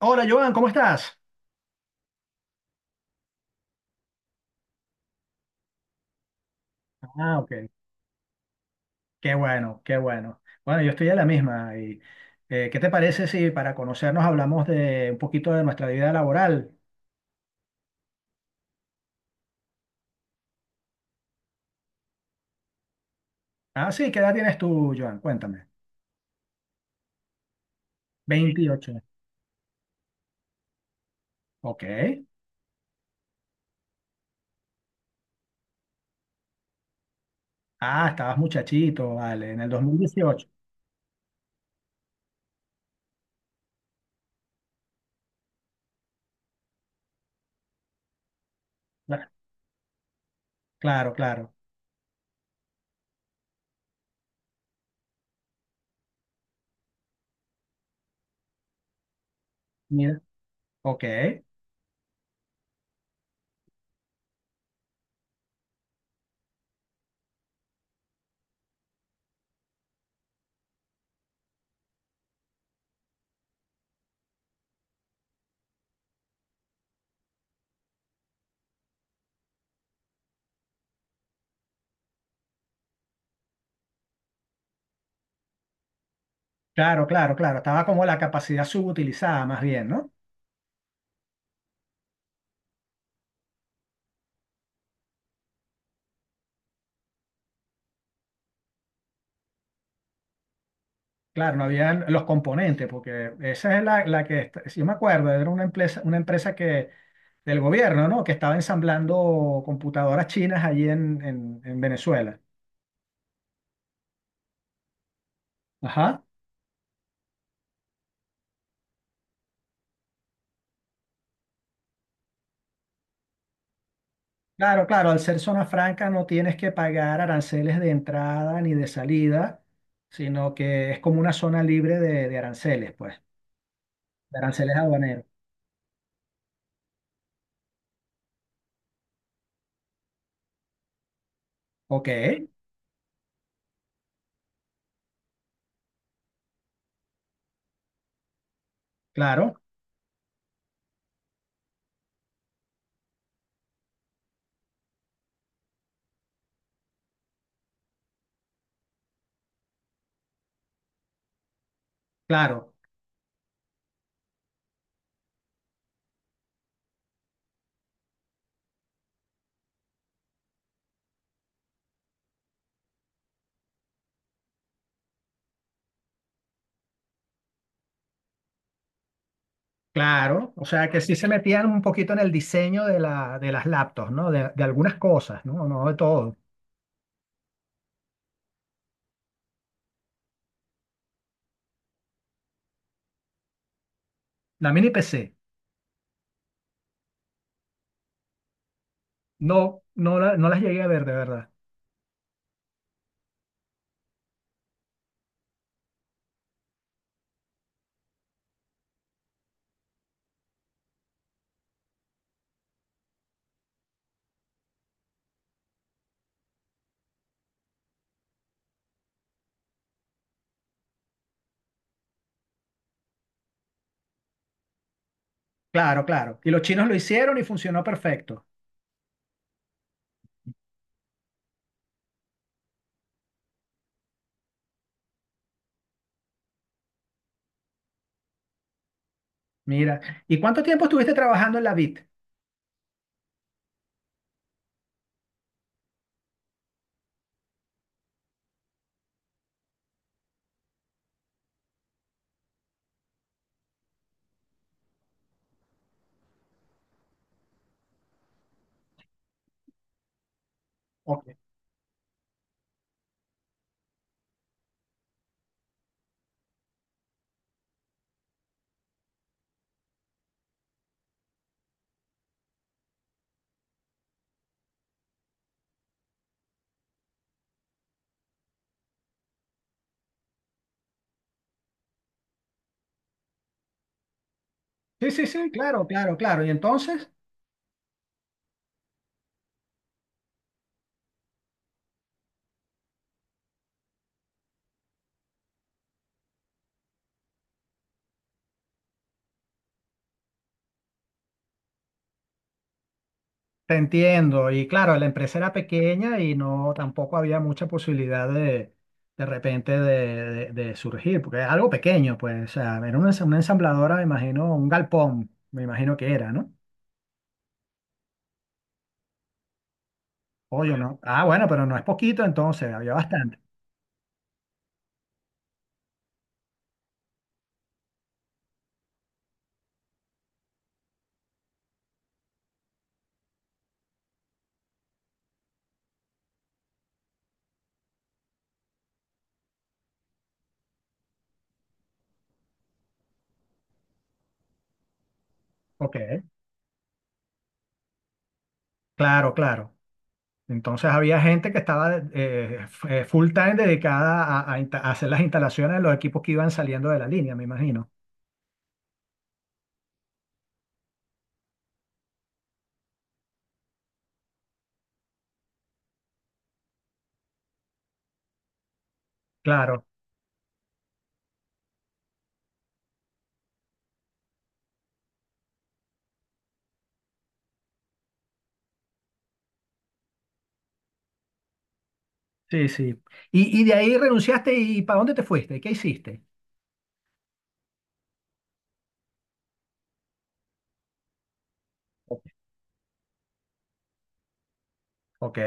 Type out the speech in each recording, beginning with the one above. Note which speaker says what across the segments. Speaker 1: Hola, Joan, ¿cómo estás? Ah, ok. Qué bueno, qué bueno. Bueno, yo estoy a la misma. Y, ¿qué te parece si para conocernos hablamos de un poquito de nuestra vida laboral? Ah, sí, ¿qué edad tienes tú, Joan? Cuéntame. 28. Ok. Ah, estabas muchachito, vale, en el 2018. Cla- Claro, claro. Mira. Ok. Claro, claro, claro. Estaba como la capacidad subutilizada más bien, ¿no? Claro, no habían los componentes, porque esa es la que, si yo me acuerdo, era una empresa que, del gobierno, ¿no? Que estaba ensamblando computadoras chinas allí en Venezuela. Ajá. Claro, claro, al ser zona franca no tienes que pagar aranceles de entrada ni de salida, sino que es como una zona libre de aranceles, pues, de aranceles aduaneros. Ok, claro, claro. Claro, o sea que sí se metían un poquito en el diseño de las laptops, ¿no? De algunas cosas, ¿no? No de todo. La mini PC, no, no, no las llegué a ver, de verdad. Claro, claro. Y los chinos lo hicieron y funcionó perfecto. Mira, ¿y cuánto tiempo estuviste trabajando en la Bit? Ok. Sí, sí, sí, claro, claro, claro. ¿Y entonces? Te entiendo. Y claro, la empresa era pequeña y no tampoco había mucha posibilidad de repente de, de surgir, porque es algo pequeño, pues. O sea, era una, una ensambladora, me imagino, un galpón, me imagino que era, ¿no? O yo no. Ah, bueno, pero no es poquito entonces, había bastante. Ok, claro, claro. Entonces había gente que estaba full time dedicada a, a hacer las instalaciones de los equipos que iban saliendo de la línea, me imagino. Claro. Sí, sí. Y de ahí renunciaste y ¿para dónde te fuiste? ¿Qué hiciste? Ok,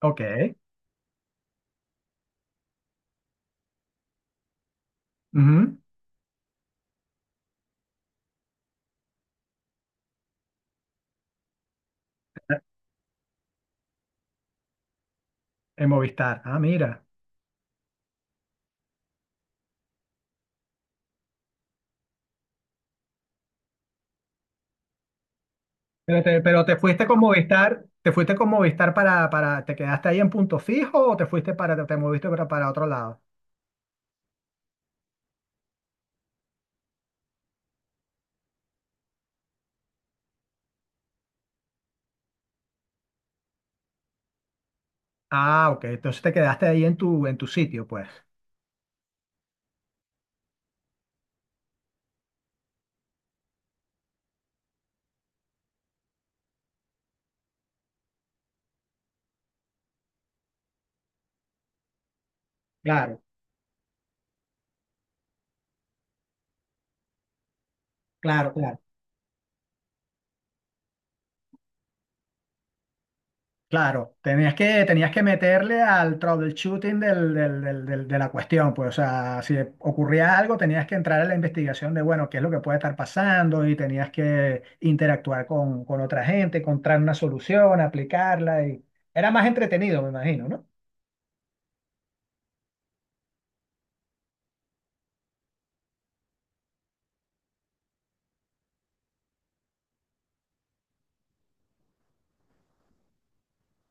Speaker 1: ok. Ujú. En Movistar. Ah, mira. Pero te fuiste con Movistar, te fuiste con Movistar para, ¿te quedaste ahí en punto fijo o te fuiste para, te moviste para otro lado? Ah, ok. Entonces te quedaste ahí en tu sitio, pues. Claro, claro, claro. Claro, tenías que meterle al troubleshooting del, de la cuestión, pues, o sea, si ocurría algo, tenías que entrar a la investigación de, bueno, qué es lo que puede estar pasando y tenías que interactuar con otra gente, encontrar una solución, aplicarla y era más entretenido, me imagino, ¿no?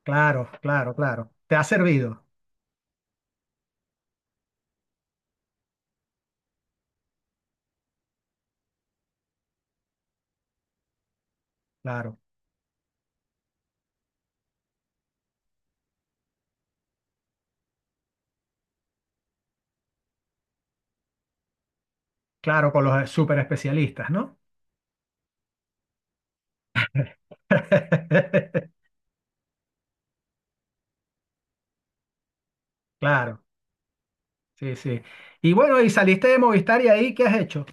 Speaker 1: Claro, claro, claro. Te ha servido, claro, claro, con los super especialistas, ¿no? Claro, sí, sí. Y bueno, y saliste de Movistar y ahí, ¿qué has hecho?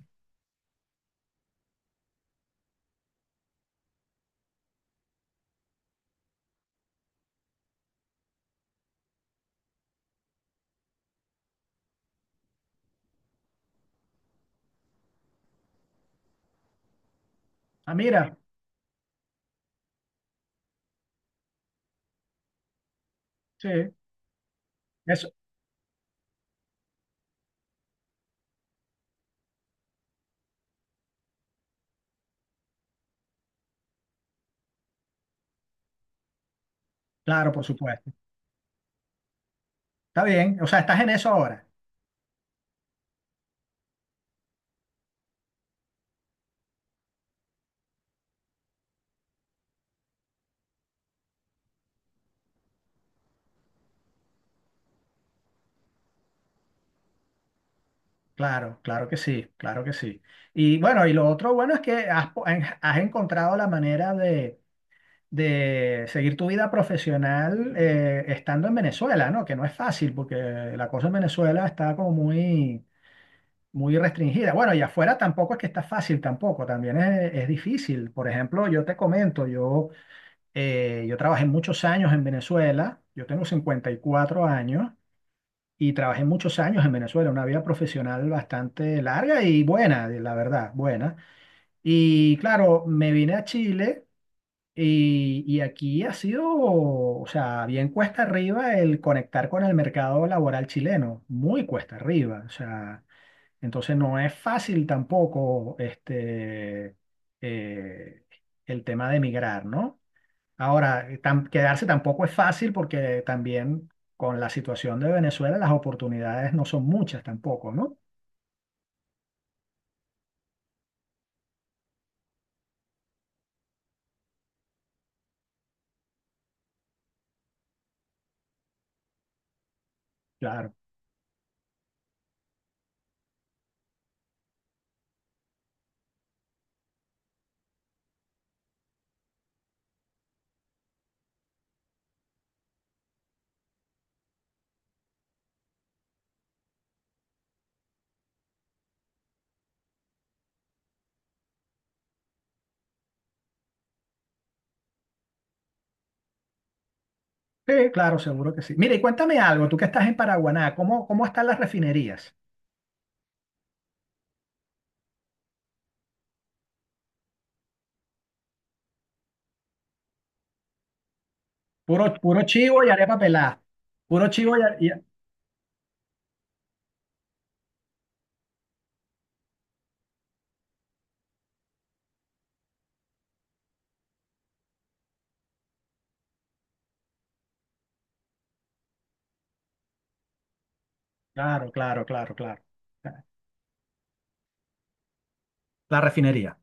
Speaker 1: Ah, mira, sí. Eso. Claro, por supuesto. Está bien. O sea, estás en eso ahora. Claro, claro que sí, claro que sí. Y bueno, y lo otro bueno es que has encontrado la manera de seguir tu vida profesional estando en Venezuela, ¿no? Que no es fácil porque la cosa en Venezuela está como muy, muy restringida. Bueno, y afuera tampoco es que está fácil tampoco, también es difícil. Por ejemplo, yo te comento, yo trabajé muchos años en Venezuela, yo tengo 54 años. Y trabajé muchos años en Venezuela, una vida profesional bastante larga y buena, la verdad, buena. Y claro, me vine a Chile y aquí ha sido, o sea, bien cuesta arriba el conectar con el mercado laboral chileno, muy cuesta arriba, o sea, entonces no es fácil tampoco eh, el tema de emigrar, ¿no? Ahora, quedarse tampoco es fácil porque también con la situación de Venezuela las oportunidades no son muchas tampoco, ¿no? Claro. Sí, claro, seguro que sí. Mira y cuéntame algo, tú que estás en Paraguaná, ¿cómo, cómo están las refinerías? Puro, puro chivo y arepa pelada. Puro chivo y, y claro, claro, claro, claro. La refinería,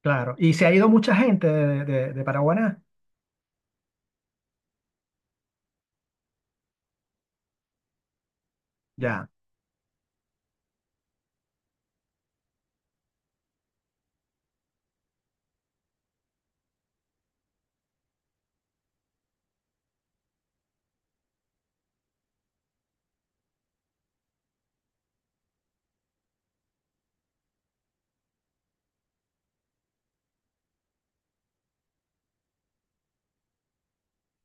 Speaker 1: claro. Y se ha ido mucha gente de Paraguaná. Ya.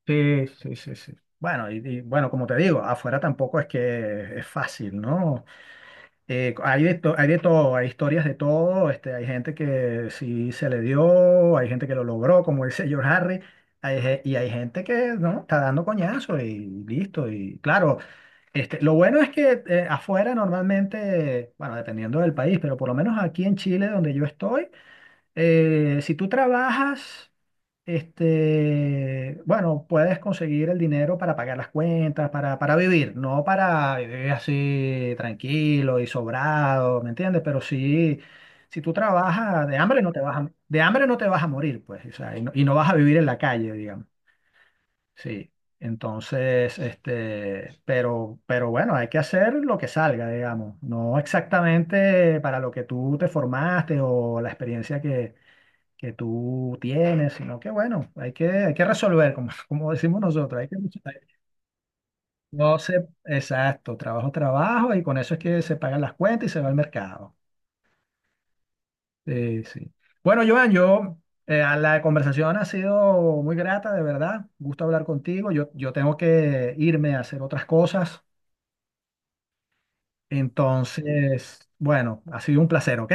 Speaker 1: Sí, sí, sí, sí. Bueno, y bueno, como te digo, afuera tampoco es que es fácil, ¿no? Hay de todo, hay historias de todo, hay gente que sí se le dio, hay gente que lo logró, como dice George Harry, y hay gente que no, está dando coñazo y listo. Y claro, lo bueno es que afuera normalmente, bueno, dependiendo del país, pero por lo menos aquí en Chile, donde yo estoy, si tú trabajas, bueno, puedes conseguir el dinero para pagar las cuentas, para vivir, no para vivir así tranquilo y sobrado, ¿me entiendes? Pero sí, si tú trabajas, de hambre no te vas a morir, pues, o sea, y no vas a vivir en la calle, digamos. Sí. Entonces, pero, bueno, hay que hacer lo que salga, digamos, no exactamente para lo que tú te formaste o la experiencia que tú tienes, sino que bueno, hay que resolver, como, como decimos nosotros, hay que luchar. No sé, exacto, trabajo, trabajo, y con eso es que se pagan las cuentas y se va al mercado. Sí, sí. Bueno, Joan, a la conversación ha sido muy grata, de verdad, gusto hablar contigo, yo tengo que irme a hacer otras cosas, entonces, bueno, ha sido un placer, ¿ok?